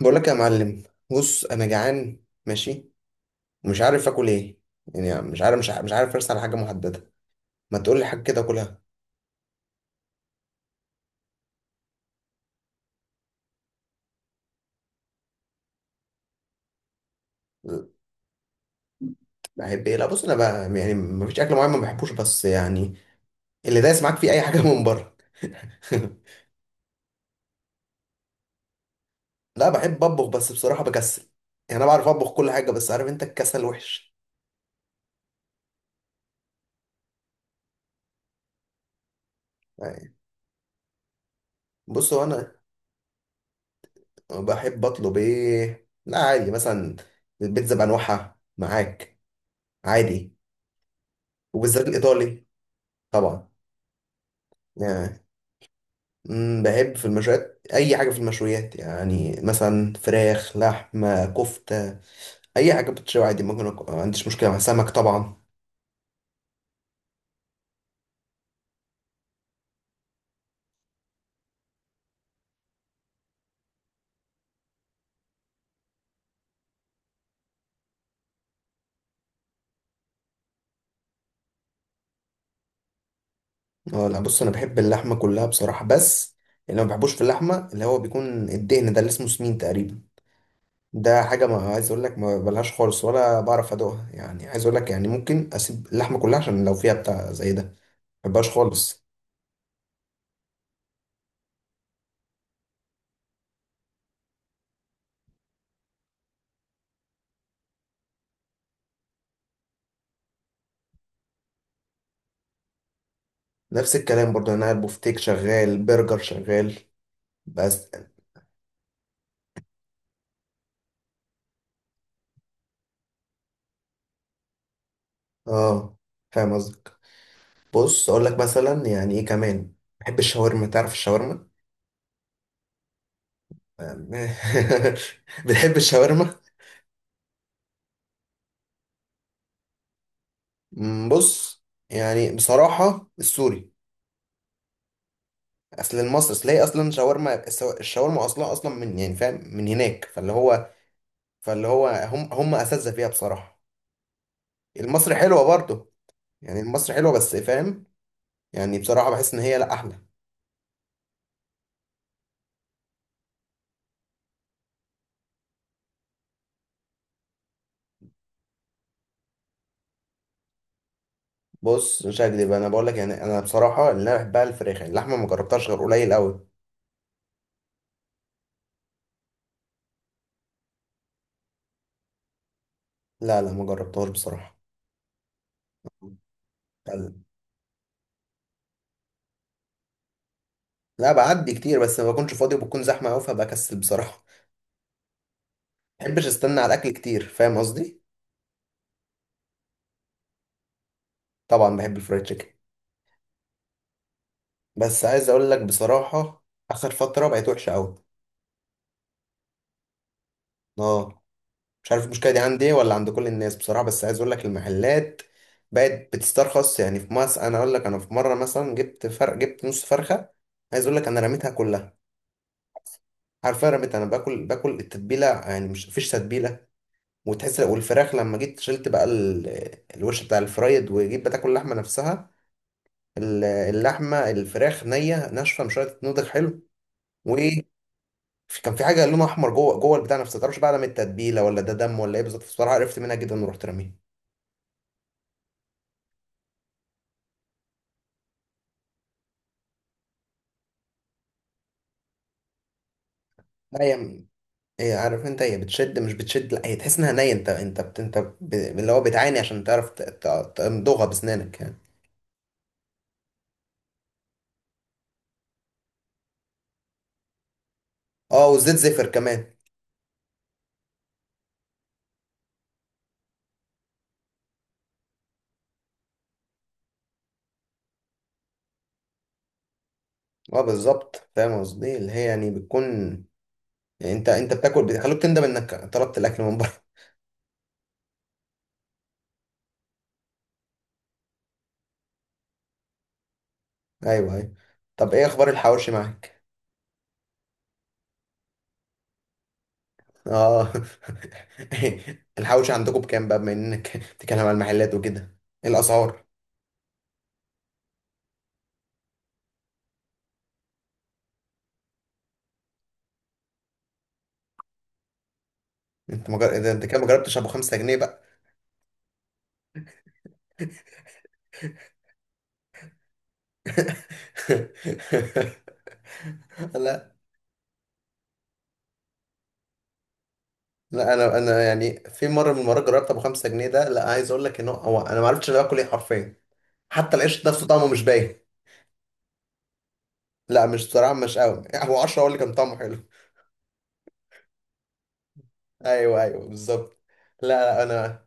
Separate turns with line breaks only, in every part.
بقول لك يا معلم. بص انا جعان ماشي، ومش عارف اكل ايه. يعني مش عارف ارسل على حاجه محدده. ما تقول لي حاجه كده اكلها. بحب ايه؟ لا بص انا بقى يعني ما فيش اكل معين ما بحبوش، بس يعني اللي دايس معاك فيه اي حاجه من بره. لا بحب اطبخ بس بصراحه بكسل. يعني انا بعرف اطبخ كل حاجه، بس عارف انت الكسل وحش. يعني بص هو انا. بحب اطلب ايه؟ لا عادي، مثلا البيتزا بانواعها معاك، عادي. وبالذات الايطالي. طبعا. يعني بحب في المشويات اي حاجه في المشويات، يعني مثلا فراخ، لحمه، كفته. اي حاجه بتشوي عادي ممكن ما عنديش مشكله مع سمك طبعا. اه لا بص انا بحب اللحمه كلها بصراحه، بس اللي ما بحبوش في اللحمه اللي هو بيكون الدهن ده اللي اسمه سمين تقريبا. ده حاجه ما عايز اقول لك ما بلهاش خالص ولا بعرف ادوقها، يعني عايز اقول لك يعني ممكن اسيب اللحمه كلها عشان لو فيها بتاع زي ده ما بحبهاش خالص. نفس الكلام برضه، يعني انا البوفتيك شغال، برجر شغال. بس. اه فاهم قصدي. بص اقول لك مثلا يعني ايه كمان. بحب الشاورما. تعرف الشاورما؟ بتحب الشاورما؟ بص، يعني بصراحة السوري. اصل المصري اصل هي اصلا الشاورما اصلا اصلا من يعني فاهم من هناك. فاللي هو هم اساتذة فيها بصراحة. المصري حلوة برضه. يعني المصري حلوة بس فاهم. يعني بصراحة بحس ان هي لا احلى. بص مش هكدب انا بقول لك، يعني انا بصراحة اللي انا بحبها الفراخ، اللحمة ما جربتهاش غير قليل قوي. لا لا ما جربتهاش بصراحة. لا بعدي كتير، بس ما بكونش فاضي وبكون زحمه قوي فبكسل بصراحه. ما بحبش استنى على الاكل كتير، فاهم قصدي. طبعا بحب الفرايد تشيكن. بس عايز اقول لك بصراحه، اخر فتره بقت وحشه قوي. اه. مش عارف المشكله دي عندي إيه ولا عند كل الناس بصراحه، بس عايز اقول لك المحلات بقت بتسترخص يعني في مصر. انا اقول لك انا في مره مثلا جبت فرق، جبت نص فرخه، عايز اقول لك انا رميتها كلها. حرفيا رميتها. انا باكل التتبيله، يعني مش مفيش تتبيله. وتحس والفراخ لما جيت شلت بقى الوش بتاع الفرايد وجيت بتاكل اللحمه نفسها. اللحمه، الفراخ نيه ناشفه مش قادره تتنضج حلو. وكان في حاجه لونها احمر جوه جوه البتاع نفسه، متعرفش بقى ده من التتبيله ولا ده دم ولا ايه بالظبط بصراحه، عرفت منها جدا ورحت راميها. لا هي هي عارف انت هي بتشد مش بتشد، لا هي تحس انها نيه، انت انت بت... انت ب... اللي هو بتعاني عشان تعرف تمضغها بسنانك يعني. اه والزيت زفر كمان. اه بالظبط فاهم قصدي، اللي هي يعني بتكون، يعني انت بتاكل بيخلوك تندم انك طلبت الاكل من بره. ايوه ايوه. طب ايه اخبار الحواوشي معاك؟ اه. الحواوشي عندكم بكام بقى، بما انك بتتكلم على المحلات وكده؟ ايه الاسعار؟ ده انت كده ما جربتش ابو 5 جنيه بقى. لا لا انا. انا يعني في مره من المرات جربت ابو 5 جنيه ده، لا عايز اقول لك ان هو هو انا ما عرفتش انا باكل ايه حرفيا. حتى العيش نفسه طعمه مش باين. لا مش، صراحه مش قوي. هو 10 هو اللي كان طعمه حلو. ايوه ايوه بالظبط. لا لا انا.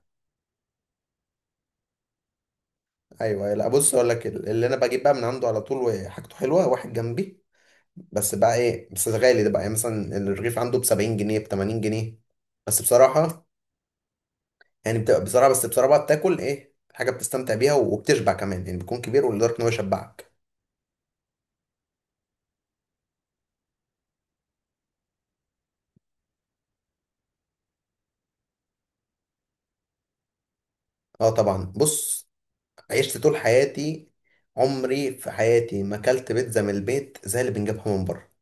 ايوه لا بص اقول لك اللي انا بجيب بقى من عنده على طول، وحاجته حلوه، واحد جنبي. بس بقى ايه بس غالي ده بقى، يعني مثلا الرغيف عنده ب 70 جنيه، ب 80 جنيه. بس بصراحه، يعني بتبقى بصراحه، بس بصراحه بقى بتاكل ايه حاجه بتستمتع بيها وبتشبع كمان، يعني بيكون كبير ولدرجه ان هو يشبعك. اه طبعا بص. عشت طول حياتي، عمري في حياتي ما اكلت بيتزا من البيت زي اللي بنجيبها من بره.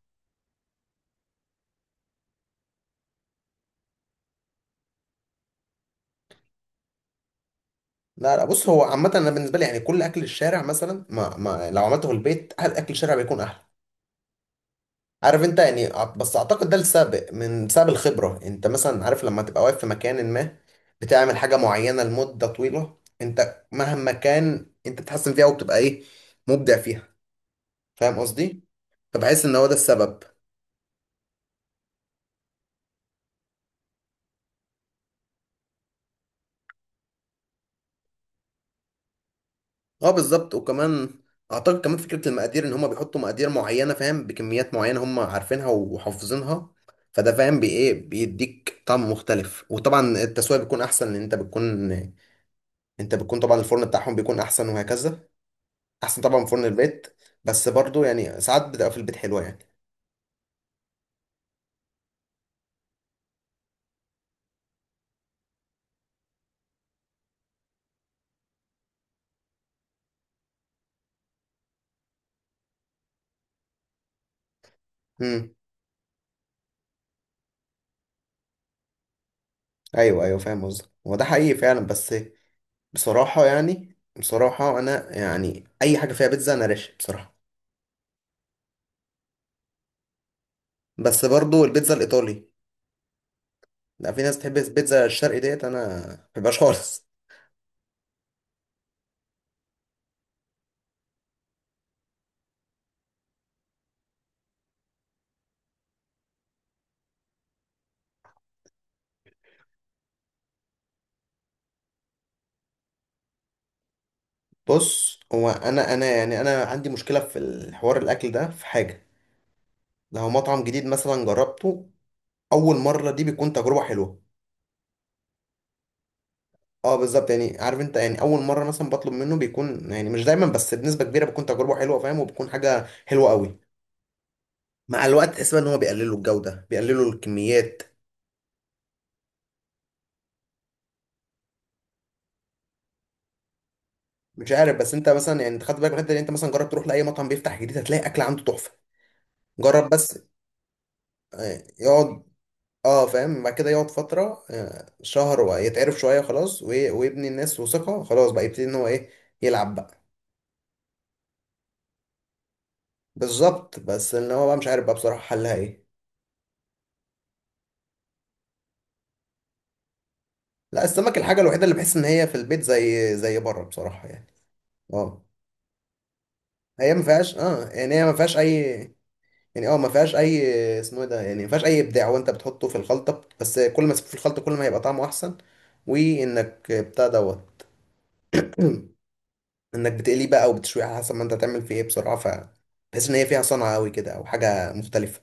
لا لا بص، هو عامه انا بالنسبه لي يعني كل اكل الشارع مثلا ما لو عملته في البيت أهل اكل الشارع بيكون احلى. عارف انت، يعني بس اعتقد ده السبب من بسبب الخبرة. انت مثلا عارف لما تبقى واقف في مكان ما بتعمل حاجة معينة لمدة طويلة، انت مهما كان انت بتحسن فيها وبتبقى ايه، مبدع فيها. فاهم قصدي. فبحس ان هو ده السبب. اه بالظبط. وكمان اعتقد كمان فكرة المقادير، ان هم بيحطوا مقادير معينة فاهم، بكميات معينة هم عارفينها وحافظينها. فده فاهم بي ايه، بيديك طعم مختلف. وطبعا التسوية بيكون احسن، لان انت بتكون، انت بتكون طبعا الفرن بتاعهم بيكون احسن، وهكذا. احسن طبعا من فرن البيت. بس برضو يعني ساعات بتبقى في البيت حلوه يعني. امم. ايوه ايوه فاهم قصدك، هو ده حقيقي فعلا، بس بصراحه يعني بصراحه انا يعني اي حاجه فيها بيتزا انا راشق بصراحه. بس برضو البيتزا الايطالي. لا في ناس بتحب البيتزا الشرقي ديت انا ما بحبهاش خالص. بص هو انا يعني انا عندي مشكله في الحوار الاكل ده في حاجه. لو مطعم جديد مثلا جربته، اول مره دي بيكون تجربه حلوه. اه بالظبط، يعني عارف انت يعني اول مره مثلا بطلب منه بيكون يعني مش دايما بس بنسبه كبيره بتكون تجربه حلوه فاهم، وبتكون حاجه حلوه قوي. مع الوقت تحس بقى ان هو بيقللوا الجوده، بيقللوا الكميات. مش عارف، بس انت مثلا يعني انت خدت بالك من الحته دي؟ انت مثلا جرب تروح لاي مطعم بيفتح جديد، هتلاقي اكل عنده تحفه. جرب بس. يقعد. اه فاهم، بعد كده يقعد فتره شهر ويتعرف شويه خلاص، ويبني الناس وثقه، خلاص بقى يبتدي ان هو ايه، يلعب بقى. بالظبط، بس ان هو بقى مش عارف بقى بصراحه حلها ايه. لا السمك الحاجة الوحيدة اللي بحس إن هي في البيت زي بره بصراحة يعني. اه هي ما فيهاش، اه يعني هي ما فيهاش أي، يعني اه ما فيهاش أي، اسمه إيه ده، يعني ما فيهاش أي إبداع، وأنت بتحطه في الخلطة بس، كل ما تسيبه في الخلطة كل ما هيبقى طعمه أحسن. وإنك بتاع دوت، إنك بتقليه بقى أو بتشويه على حسب ما أنت هتعمل فيه إيه بصراحة. ف بحس إن هي فيها صنعة أوي كده أو حاجة مختلفة.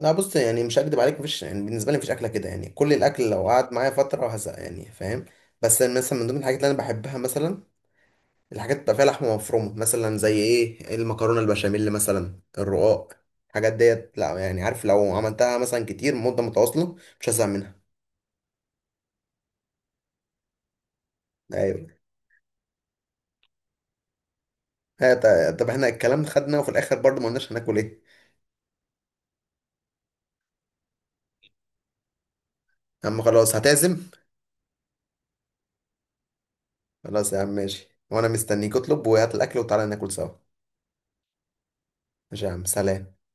لا بص يعني مش هكدب عليك، مفيش يعني بالنسبة لي مفيش أكلة كده يعني، كل الأكل لو قعد معايا فترة هزهق يعني، فاهم. بس مثلا من ضمن الحاجات اللي أنا بحبها مثلا، الحاجات اللي بتبقى فيها لحمة مفرومة مثلا زي ايه، المكرونة البشاميل مثلا، الرقاق. الحاجات ديت لا يعني، عارف لو عملتها مثلا كتير مدة متواصلة مش هزهق منها. ايوه. طب احنا الكلام خدنا وفي الاخر برضه ما قلناش هناكل ايه. يا عم خلاص هتعزم. خلاص يا عم ماشي، وانا مستنيك اطلب وهات الاكل وتعالى ناكل سوا. ماشي يا عم، سلام.